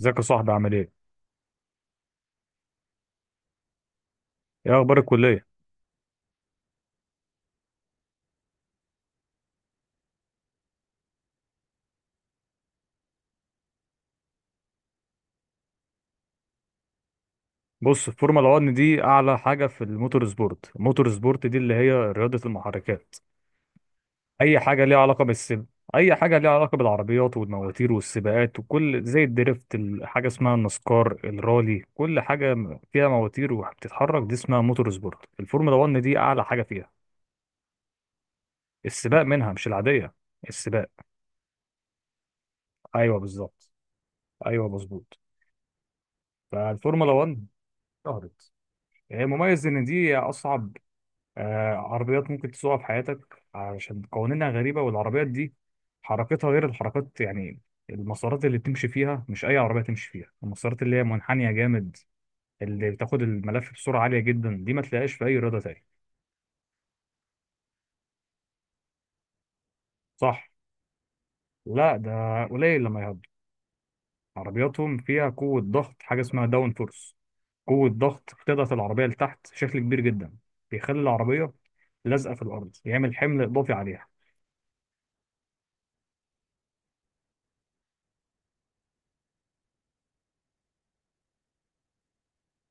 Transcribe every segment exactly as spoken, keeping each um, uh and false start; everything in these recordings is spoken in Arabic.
ازيك يا صاحبي عامل ايه؟ ايه اخبار الكلية؟ بص، الفورمولا واحد دي اعلى حاجة في الموتور سبورت، الموتور سبورت دي اللي هي رياضة المحركات. اي حاجة ليها علاقة بالسب، اي حاجة ليها علاقة بالعربيات والمواتير والسباقات وكل، زي الدريفت، ال- حاجة اسمها النسكار، الرالي، كل حاجة م- فيها مواتير وبتتحرك دي اسمها موتور سبورت، الفورمولا واحد دي اعلى حاجة فيها. السباق منها، مش العادية. السباق. ايوه بالظبط. ايوه مظبوط. فالفورمولا واحد، شهرت، هي مميز ان دي اصعب آه، عربيات ممكن تسوقها في حياتك، علشان قوانينها غريبة، والعربيات دي حركتها غير الحركات يعني. المسارات اللي بتمشي فيها مش أي عربية تمشي فيها، المسارات اللي هي منحنية جامد، اللي بتاخد الملف بسرعة عالية جدا، دي ما تلاقيهاش في أي رياضة تاني. صح. لا، ده قليل لما يهضوا. عربياتهم فيها قوة ضغط، حاجة اسمها داون فورس، قوة ضغط بتضغط العربية لتحت بشكل كبير جدا، بيخلي العربية لازقة في الأرض، يعمل حمل إضافي عليها.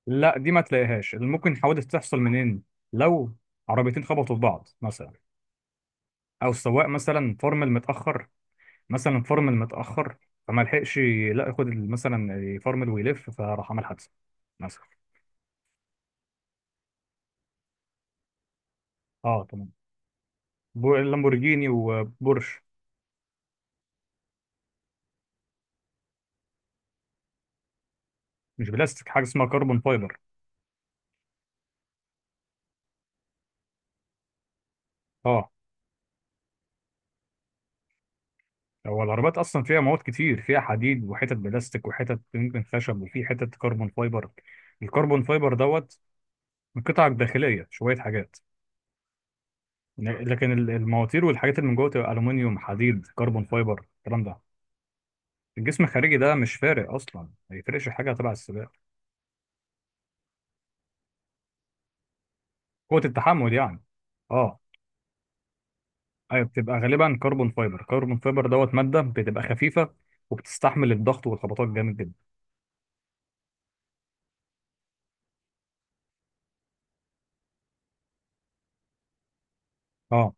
لا دي ما تلاقيهاش، اللي ممكن حوادث تحصل منين؟ لو عربيتين خبطوا في بعض مثلا، او السواق مثلا فرمل متاخر، مثلا فرمل متاخر فما لحقش، لا ياخد ال- مثلا يفرمل ويلف فراح عمل حادثه مثلا. اه تمام. بو- اللامبورجيني وبورش. مش بلاستيك، حاجه اسمها كربون فايبر. اه، هو العربيات اصلا فيها مواد كتير، فيها حديد وحتت بلاستيك وحتت يمكن خشب، وفي حتت كربون فايبر، الكربون فايبر دوت من قطع داخليه، شويه حاجات. لكن ال- المواتير والحاجات اللي من جوه تبقى الومنيوم، حديد، كربون فايبر، الكلام ده. الجسم الخارجي ده مش فارق اصلا، ما يفرقش حاجه تبع السباق. قوه التحمل يعني. اه. ايوه بتبقى غالبا كربون فايبر، كربون فايبر دوت ماده بتبقى خفيفه وبتستحمل الضغط والخبطات جامد جدا. اه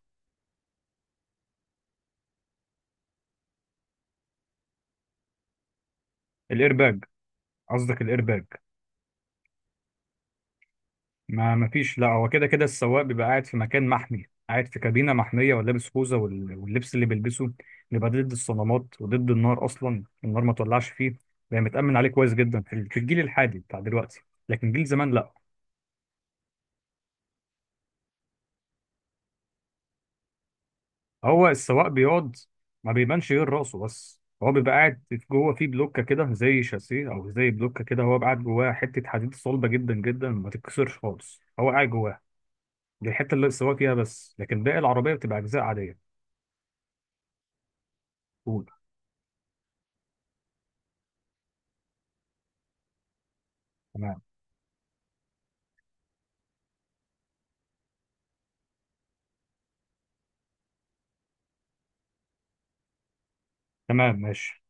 الايرباج، قصدك الايرباج؟ ما ما فيش. لا، هو كده كده السواق بيبقى قاعد في مكان محمي، قاعد في كابينة محمية، ولابس خوذة، وال- واللبس اللي بيلبسه بيبقى ضد الصدمات وضد النار، أصلا النار ما تولعش فيه. بيبقى متأمن عليه كويس جدا في ال- في الجيل الحالي بتاع دلوقتي، لكن جيل زمان لا. هو السواق بيقعد، ما بيبانش غير راسه بس، هو بيبقى قاعد في- جوه في بلوكة كده، زي شاسيه أو زي بلوكة كده، هو قاعد جواها حتة حديد صلبة جدا جدا ما تتكسرش خالص، هو قاعد جواها. دي الحتة اللي السواق فيها بس، لكن باقي العربية بتبقى أجزاء عادية. قول. تمام. تمام ماشي.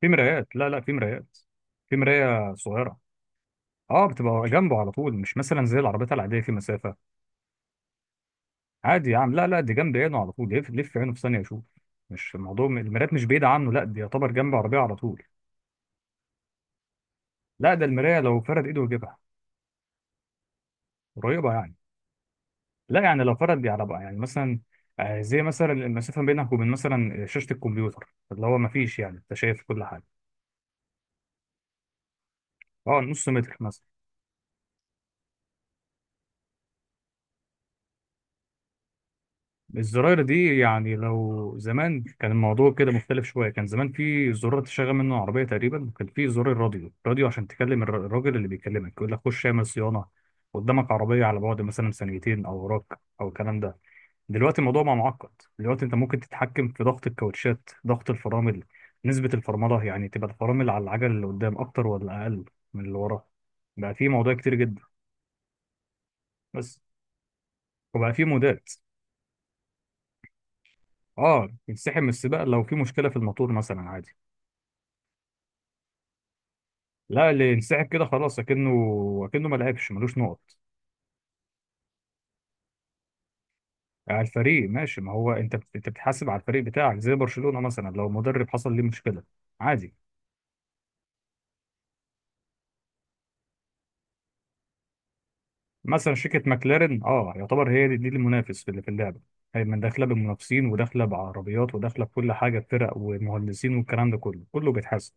في مرايات، لا لا في مرايات، في مراية صغيرة. اه بتبقى جنبه على طول، مش مثلا زي العربيات العادية في مسافة. عادي يا عم، لا لا دي جنب عينه على طول، يلف لف عينه في ثانية يشوف. مش الموضوع، المرايات مش بعيدة عنه، لا دي يعتبر جنب عربية على طول. لا ده المراية لو فرد ايده يجيبها. قريبة يعني. لا يعني لو فرد، دي عربية يعني مثلا، آه، زي مثلا المسافة بينك وبين مثلا شاشة الكمبيوتر، اللي هو مفيش يعني، انت شايف كل حاجة. اه نص متر مثلا. الزراير دي يعني لو زمان كان الموضوع كده مختلف شوية. كان زمان في زرار تشغل منه العربية تقريبا، وكان في زرار الراديو، راديو عشان تكلم الر- الراجل اللي بيكلمك يقول لك خش اعمل صيانة، قدامك عربية على بعد مثلا ثانيتين، أو وراك، أو الكلام ده. دلوقتي الموضوع بقى معقد، دلوقتي أنت ممكن تتحكم في ضغط الكاوتشات، ضغط الفرامل، نسبة الفرملة يعني، تبقى الفرامل على العجل اللي قدام أكتر ولا أقل من اللي وراه. بقى في موضوع كتير جدا. بس. وبقى في مودات. اه، ينسحب من السباق لو في مشكلة في الموتور مثلا، عادي. لا، اللي ينسحب كده خلاص، اكنه اكنه ما لعبش، ملوش نقط. على الفريق ماشي، ما هو انت بت- انت بتحاسب على الفريق بتاعك، زي برشلونة مثلا لو مدرب حصل ليه مشكلة، عادي. مثلا شركة ماكلارين، اه يعتبر هي دي، دي المنافس في اللي في اللعبة. هي من داخلة بمنافسين، وداخلة بعربيات، وداخلة بكل حاجة، بفرق ومهندسين، والكلام ده كله، كله بيتحاسب.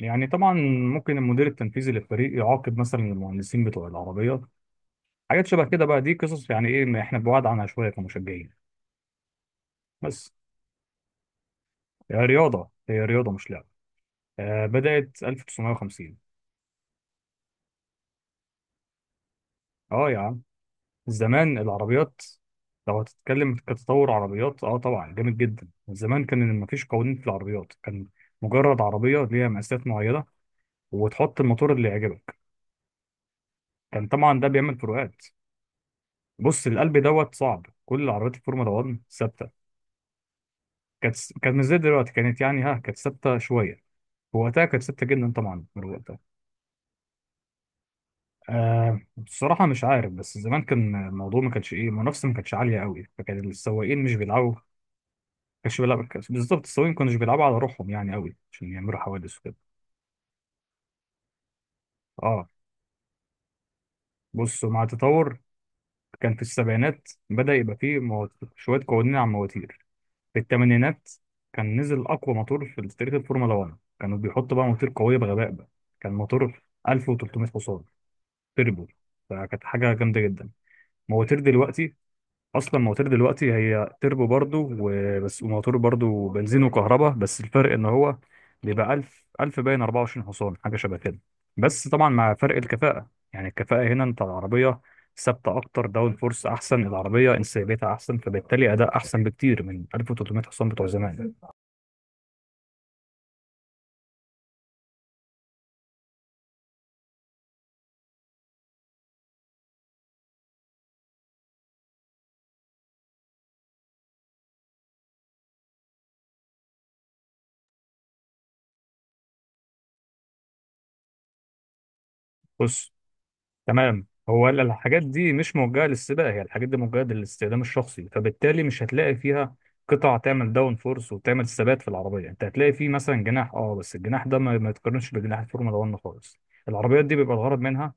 يعني طبعا ممكن المدير التنفيذي للفريق يعاقب مثلا المهندسين بتوع العربيات، حاجات شبه كده بقى، دي قصص يعني، ايه ما احنا بعاد عنها شوية كمشجعين. بس. هي رياضة، هي رياضة، مش لعبة. آه بدأت ألف وتسعمية وخمسين. اه يا عم، زمان العربيات، لو هتتكلم كتطور عربيات اه طبعا جامد جدا. زمان كان مفيش قوانين في العربيات، كان مجرد عربية ليها مقاسات معينة، وتحط الموتور اللي يعجبك، كان طبعا ده بيعمل فروقات. بص، القلب دوت صعب، كل عربيات الفورمولا واحد ثابتة. كانت كانت مش زي دلوقتي، كانت يعني، ها كانت ثابتة شوية، وقتها كانت ثابتة جدا طبعا. آه بصراحة مش عارف، بس زمان كان الموضوع ما كانش، ايه، المنافسة ما كانتش عالية قوي، فكان السواقين مش بيلعبوا، ما كانش بيلعب بالظبط، السواقين ما كانوش بيلعبوا على روحهم يعني قوي عشان يعملوا حوادث وكده. اه بصوا، مع التطور كان في السبعينات بدأ يبقى فيه مو- شوية قوانين على المواتير. في الثمانينات كان نزل أقوى موتور في تاريخ الفورمولا واحد، كانوا بيحطوا بقى موتور قوية بغباء بقى، كان موتور ألف وتلتمية حصان تربو، فكانت حاجة جامدة جدا. مواتير دلوقتي، اصلا مواتير دلوقتي هي تربو برضو وبس، وموتور برضو بنزين وكهرباء، بس الفرق ان هو بيبقى ألف ألف باين اربعه وعشرين حصان، حاجه شبه كده. بس طبعا مع فرق الكفاءه يعني، الكفاءه هنا انت العربيه ثابته اكتر، داون فورس احسن، العربيه انسيابيتها احسن، فبالتالي اداء احسن بكتير من ألف وتلتمية حصان بتوع زمان. بص تمام، هو ال- الحاجات دي مش موجهة للسباق، هي الحاجات دي موجهة للاستخدام الشخصي، فبالتالي مش هتلاقي فيها قطع تعمل داون فورس وتعمل ثبات في العربية. انت هتلاقي فيه مثلا جناح، اه بس الجناح ده ما ما يتقارنش بجناح الفورمولا واحد خالص. العربيات دي بيبقى الغرض منها،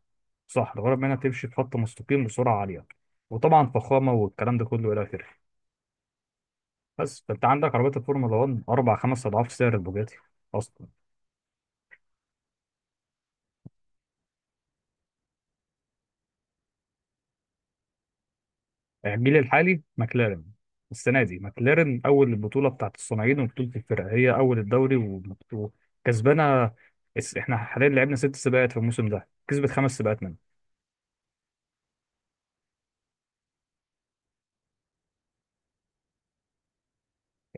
صح، الغرض منها تمشي في خط مستقيم بسرعة عالية، وطبعا فخامة، والكلام ده كله إلى آخره. بس فأنت عندك عربيات الفورمولا واحد أربع خمس أضعاف سعر البوجاتي أصلا. الجيل الحالي ماكلارين، السنه دي ماكلارين اول البطوله بتاعت الصناعين وبطوله الفرق، هي اول الدوري و- وكسبانه. اس- احنا حاليا لعبنا ست سباقات في الموسم ده، كسبت خمس سباقات منهم.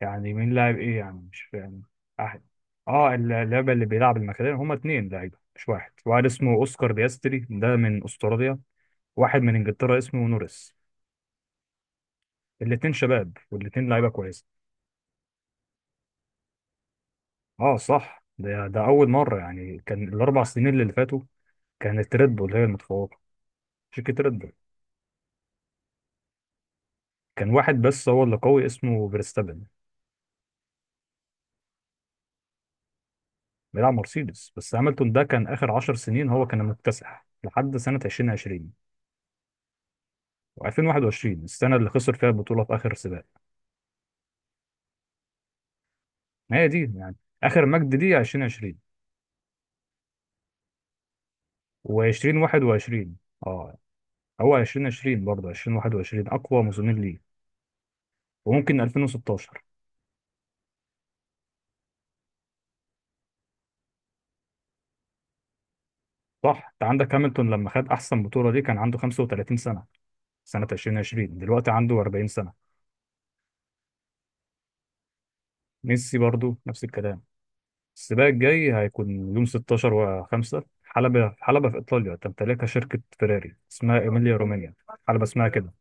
يعني مين لاعب، ايه يعني؟ مش فاهم. احد. اه، اللعبه اللي بيلعب الماكلارين هما اتنين لعيبه مش واحد. واحد اسمه اوسكار بياستري، ده من استراليا، واحد من انجلترا اسمه نوريس، الاتنين شباب والاتنين لعيبه كويسه. اه صح، ده ده اول مره، يعني كان الاربع سنين اللي فاتوا كانت ريد بول هي المتفوقه، شركة ريد بول. كان واحد بس هو اللي قوي اسمه فيرستابن. بيلعب مرسيدز، بس هاملتون ده كان آخر عشر سنين هو كان المكتسح لحد سنة ألفين وعشرين. و2021 السنة اللي خسر فيها البطولة في آخر سباق، ما هي دي يعني، آخر مجد دي ألفين وعشرين و2021. اه، هو ألفين وعشرين برضه ألفين وواحد وعشرين أقوى موسمين ليه، وممكن ألفين وستاشر. صح، انت عندك هاملتون لما خد احسن بطوله دي كان عنده خمسة وثلاثين سنه، سنه ألفين وعشرين، دلوقتي عنده اربعين سنه. ميسي برضو نفس الكلام. السباق الجاي هيكون يوم ستة عشر و5، حلبة حلبة في إيطاليا تمتلكها شركة فيراري، اسمها إيميليا رومانيا، حلبة اسمها كده.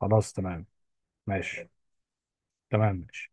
خلاص تمام ماشي، تمام ماشي.